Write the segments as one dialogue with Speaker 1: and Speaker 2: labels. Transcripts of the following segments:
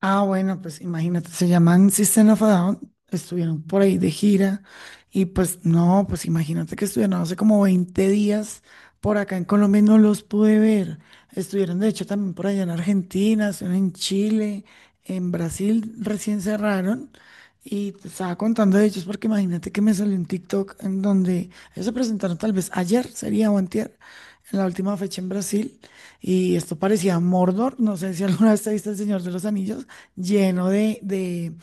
Speaker 1: Ah, bueno, pues imagínate, se llaman System of a Down, estuvieron por ahí de gira y pues no, pues imagínate que estuvieron hace como 20 días por acá en Colombia y no los pude ver. Estuvieron de hecho también por allá en Argentina, estuvieron en Chile, en Brasil recién cerraron y te estaba contando de ellos porque imagínate que me salió un TikTok en donde ellos se presentaron tal vez ayer, sería o antier, en la última fecha en Brasil. Y esto parecía Mordor, no sé si alguna vez te viste El Señor de los Anillos, lleno de, de,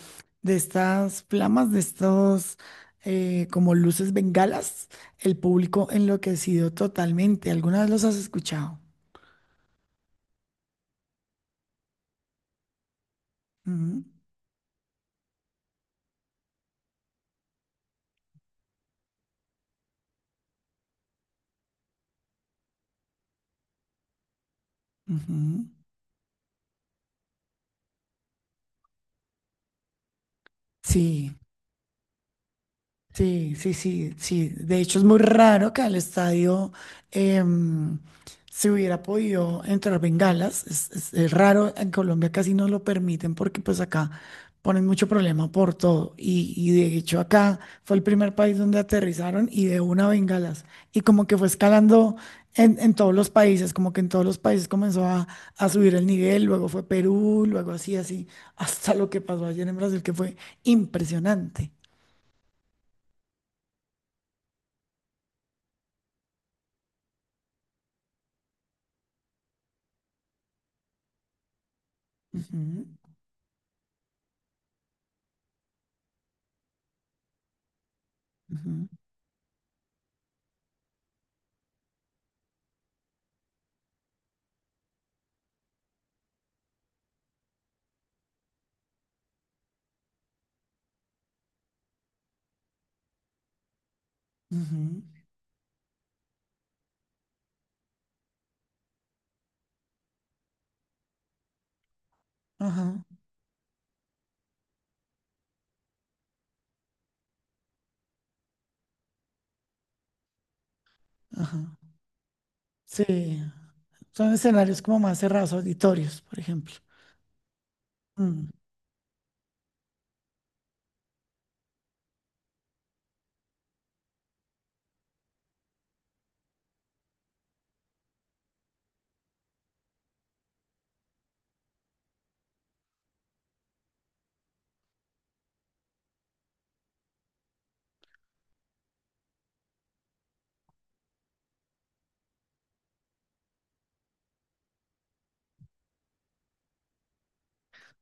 Speaker 1: de estas flamas, de estos como luces bengalas, el público enloquecido totalmente. ¿Alguna vez los has escuchado? Ujú, ujú. Sí. Sí, sí, sí, sí. De hecho, es muy raro que al estadio em, se hubiera podido entrar bengalas. Es raro, en Colombia casi no lo permiten porque pues acá ponen mucho problema por todo. Y de hecho acá fue el primer país donde aterrizaron y de una bengalas. Y como que fue escalando en todos los países, como que en todos los países comenzó a subir el nivel, luego fue Perú, luego así, así, hasta lo que pasó ayer en Brasil, que fue impresionante. Ujú. Ujú, ujú. Ajá, ajá. Sí, son escenarios como más cerrados, auditorios, por ejemplo. Mm,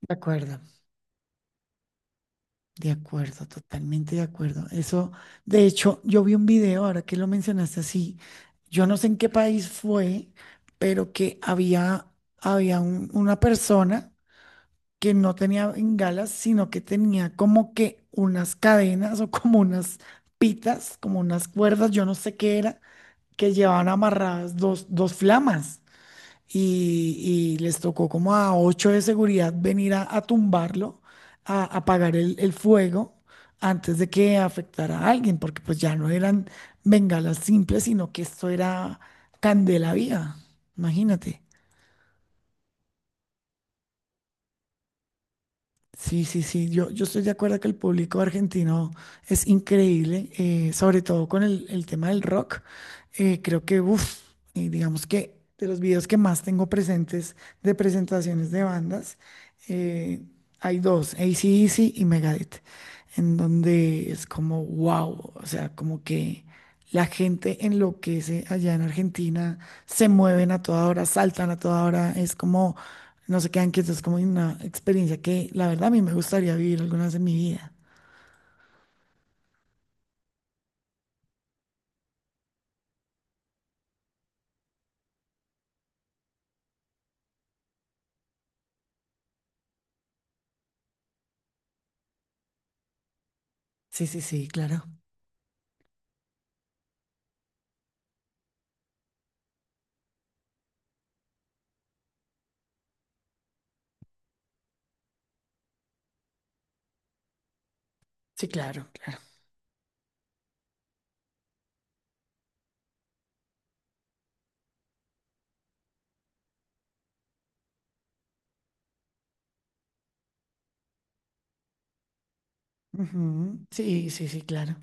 Speaker 1: de acuerdo, de acuerdo, totalmente de acuerdo. Eso, de hecho, yo vi un video, ahora que lo mencionaste así, yo no sé en qué país fue, pero que había una persona que no tenía bengalas, sino que tenía como que unas cadenas o como unas pitas, como unas cuerdas, yo no sé qué era que llevaban amarradas dos flamas y les tocó como a ocho de seguridad venir a tumbarlo, a apagar el fuego antes de que afectara a alguien, porque pues ya no eran bengalas simples, sino que esto era candela viva, imagínate. Sí, sí, sí, yo estoy de acuerdo que el público argentino es increíble, sobre todo con el tema del rock. Creo que, uff, digamos que de los videos que más tengo presentes de presentaciones de bandas, eh, hay dos, AC/DC y Megadeth, en donde es como, wow, o sea, como que... La gente enloquece allá en Argentina, se mueven a toda hora, saltan a toda hora, es como, no se quedan quietos, es como una experiencia que la verdad a mí me gustaría vivir alguna vez en mi vida. Sí, sí, sí, claro. Sí, claro, claro. Ujú. Sí, sí, sí, claro.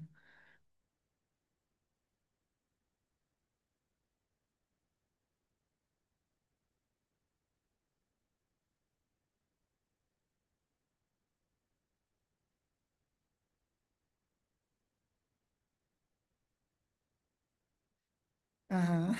Speaker 1: Ajá.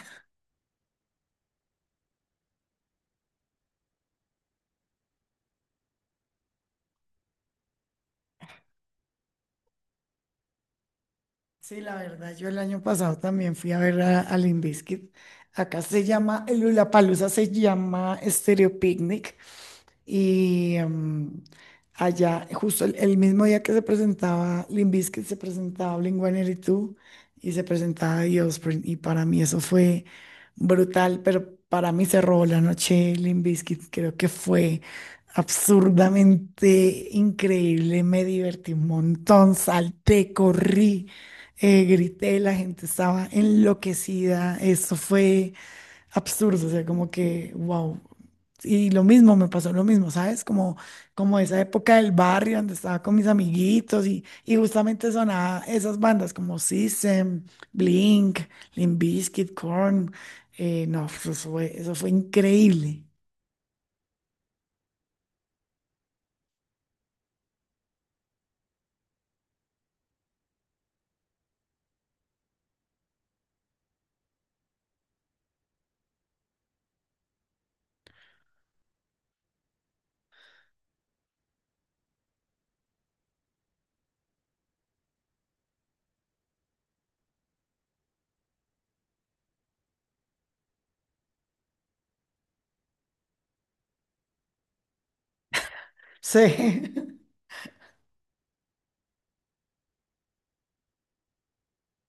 Speaker 1: Sí, la verdad, yo el año pasado también fui a ver a Limp Bizkit. Acá se llama, el Lollapalooza se llama Stereo Picnic. Y allá, justo el mismo día que se presentaba Limp Bizkit, se presentaba Blink-182 y se presentaba The Offspring. Y para mí eso fue brutal, pero para mí cerró la noche Limp Bizkit. Creo que fue absurdamente increíble. Me divertí un montón, salté, corrí, grité, la gente estaba enloquecida. Eso fue absurdo, o sea, como que, wow. Y lo mismo, me pasó lo mismo, ¿sabes? Como esa época del barrio donde estaba con mis amiguitos y justamente sonaba esas bandas como System, Blink, Limp Bizkit, Korn. No, eso fue increíble. Sí.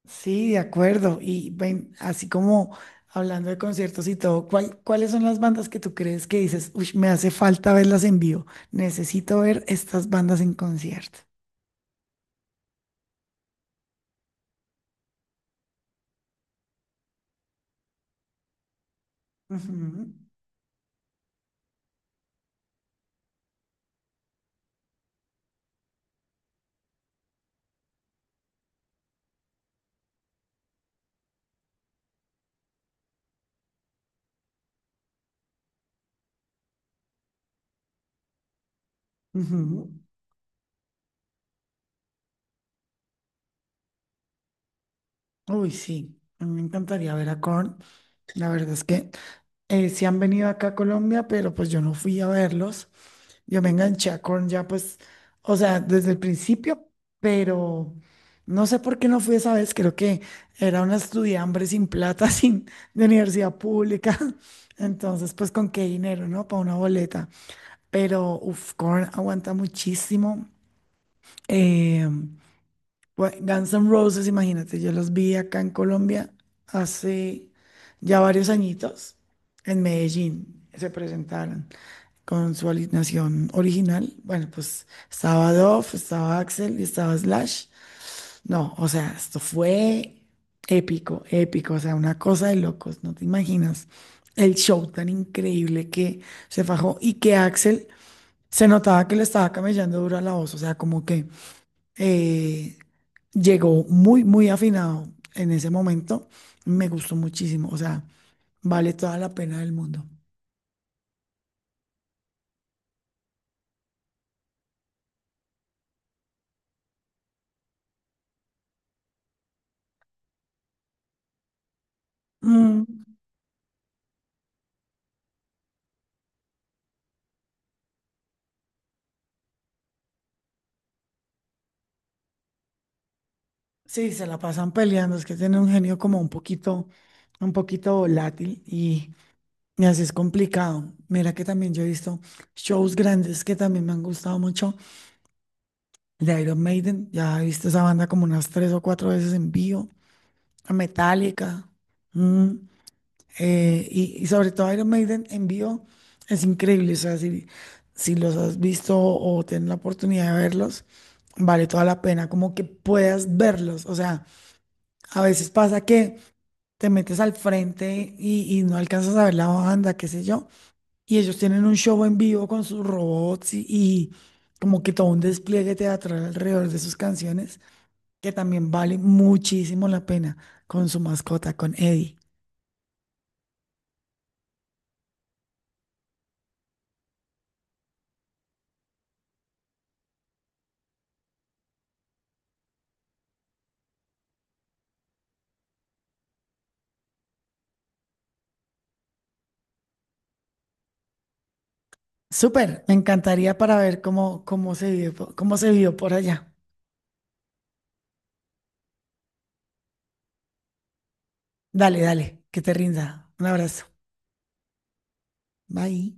Speaker 1: Sí, de acuerdo. Y ven, así como hablando de conciertos y todo, ¿cuáles son las bandas que tú crees que dices, uy, me hace falta verlas en vivo? Necesito ver estas bandas en concierto. Ujú, ujú. Uy, sí, a mí me encantaría ver a Korn. La verdad es que sí han venido acá a Colombia, pero pues yo no fui a verlos. Yo me enganché a Korn ya pues, o sea, desde el principio, pero no sé por qué no fui esa vez. Creo que era una estudiambre sin plata, sin de universidad pública. Entonces, pues con qué dinero, ¿no? Para una boleta. Pero, uf, Korn aguanta muchísimo. Eh, Bueno, Guns N' Roses, imagínate, yo los vi acá en Colombia hace ya varios añitos, en Medellín, se presentaron con su alineación original. Bueno, pues estaba Dove, estaba Axel y estaba Slash. No, o sea, esto fue épico, épico, o sea, una cosa de locos, no te imaginas el show tan increíble que se fajó y que Axel se notaba que le estaba camellando duro a la voz, o sea, como que eh, llegó muy, muy afinado en ese momento. Me gustó muchísimo, o sea, vale toda la pena del mundo. Mm, sí, se la pasan peleando, es que tiene un genio como un poquito volátil y así es complicado. Mira que también yo he visto shows grandes que también me han gustado mucho, de Iron Maiden, ya he visto esa banda como unas tres o cuatro veces en vivo, a Metallica. mm, y sobre todo Iron Maiden en vivo es increíble. O sea, si los has visto o tienes la oportunidad de verlos, vale toda la pena como que puedas verlos. O sea, a veces pasa que te metes al frente y no alcanzas a ver la banda, qué sé yo. Y ellos tienen un show en vivo con sus robots y como que todo un despliegue teatral alrededor de sus canciones, que también vale muchísimo la pena con su mascota, con Eddie. Súper, me encantaría para ver cómo se vive, cómo se vivió por allá. Dale, dale, que te rinda. Un abrazo. Bye.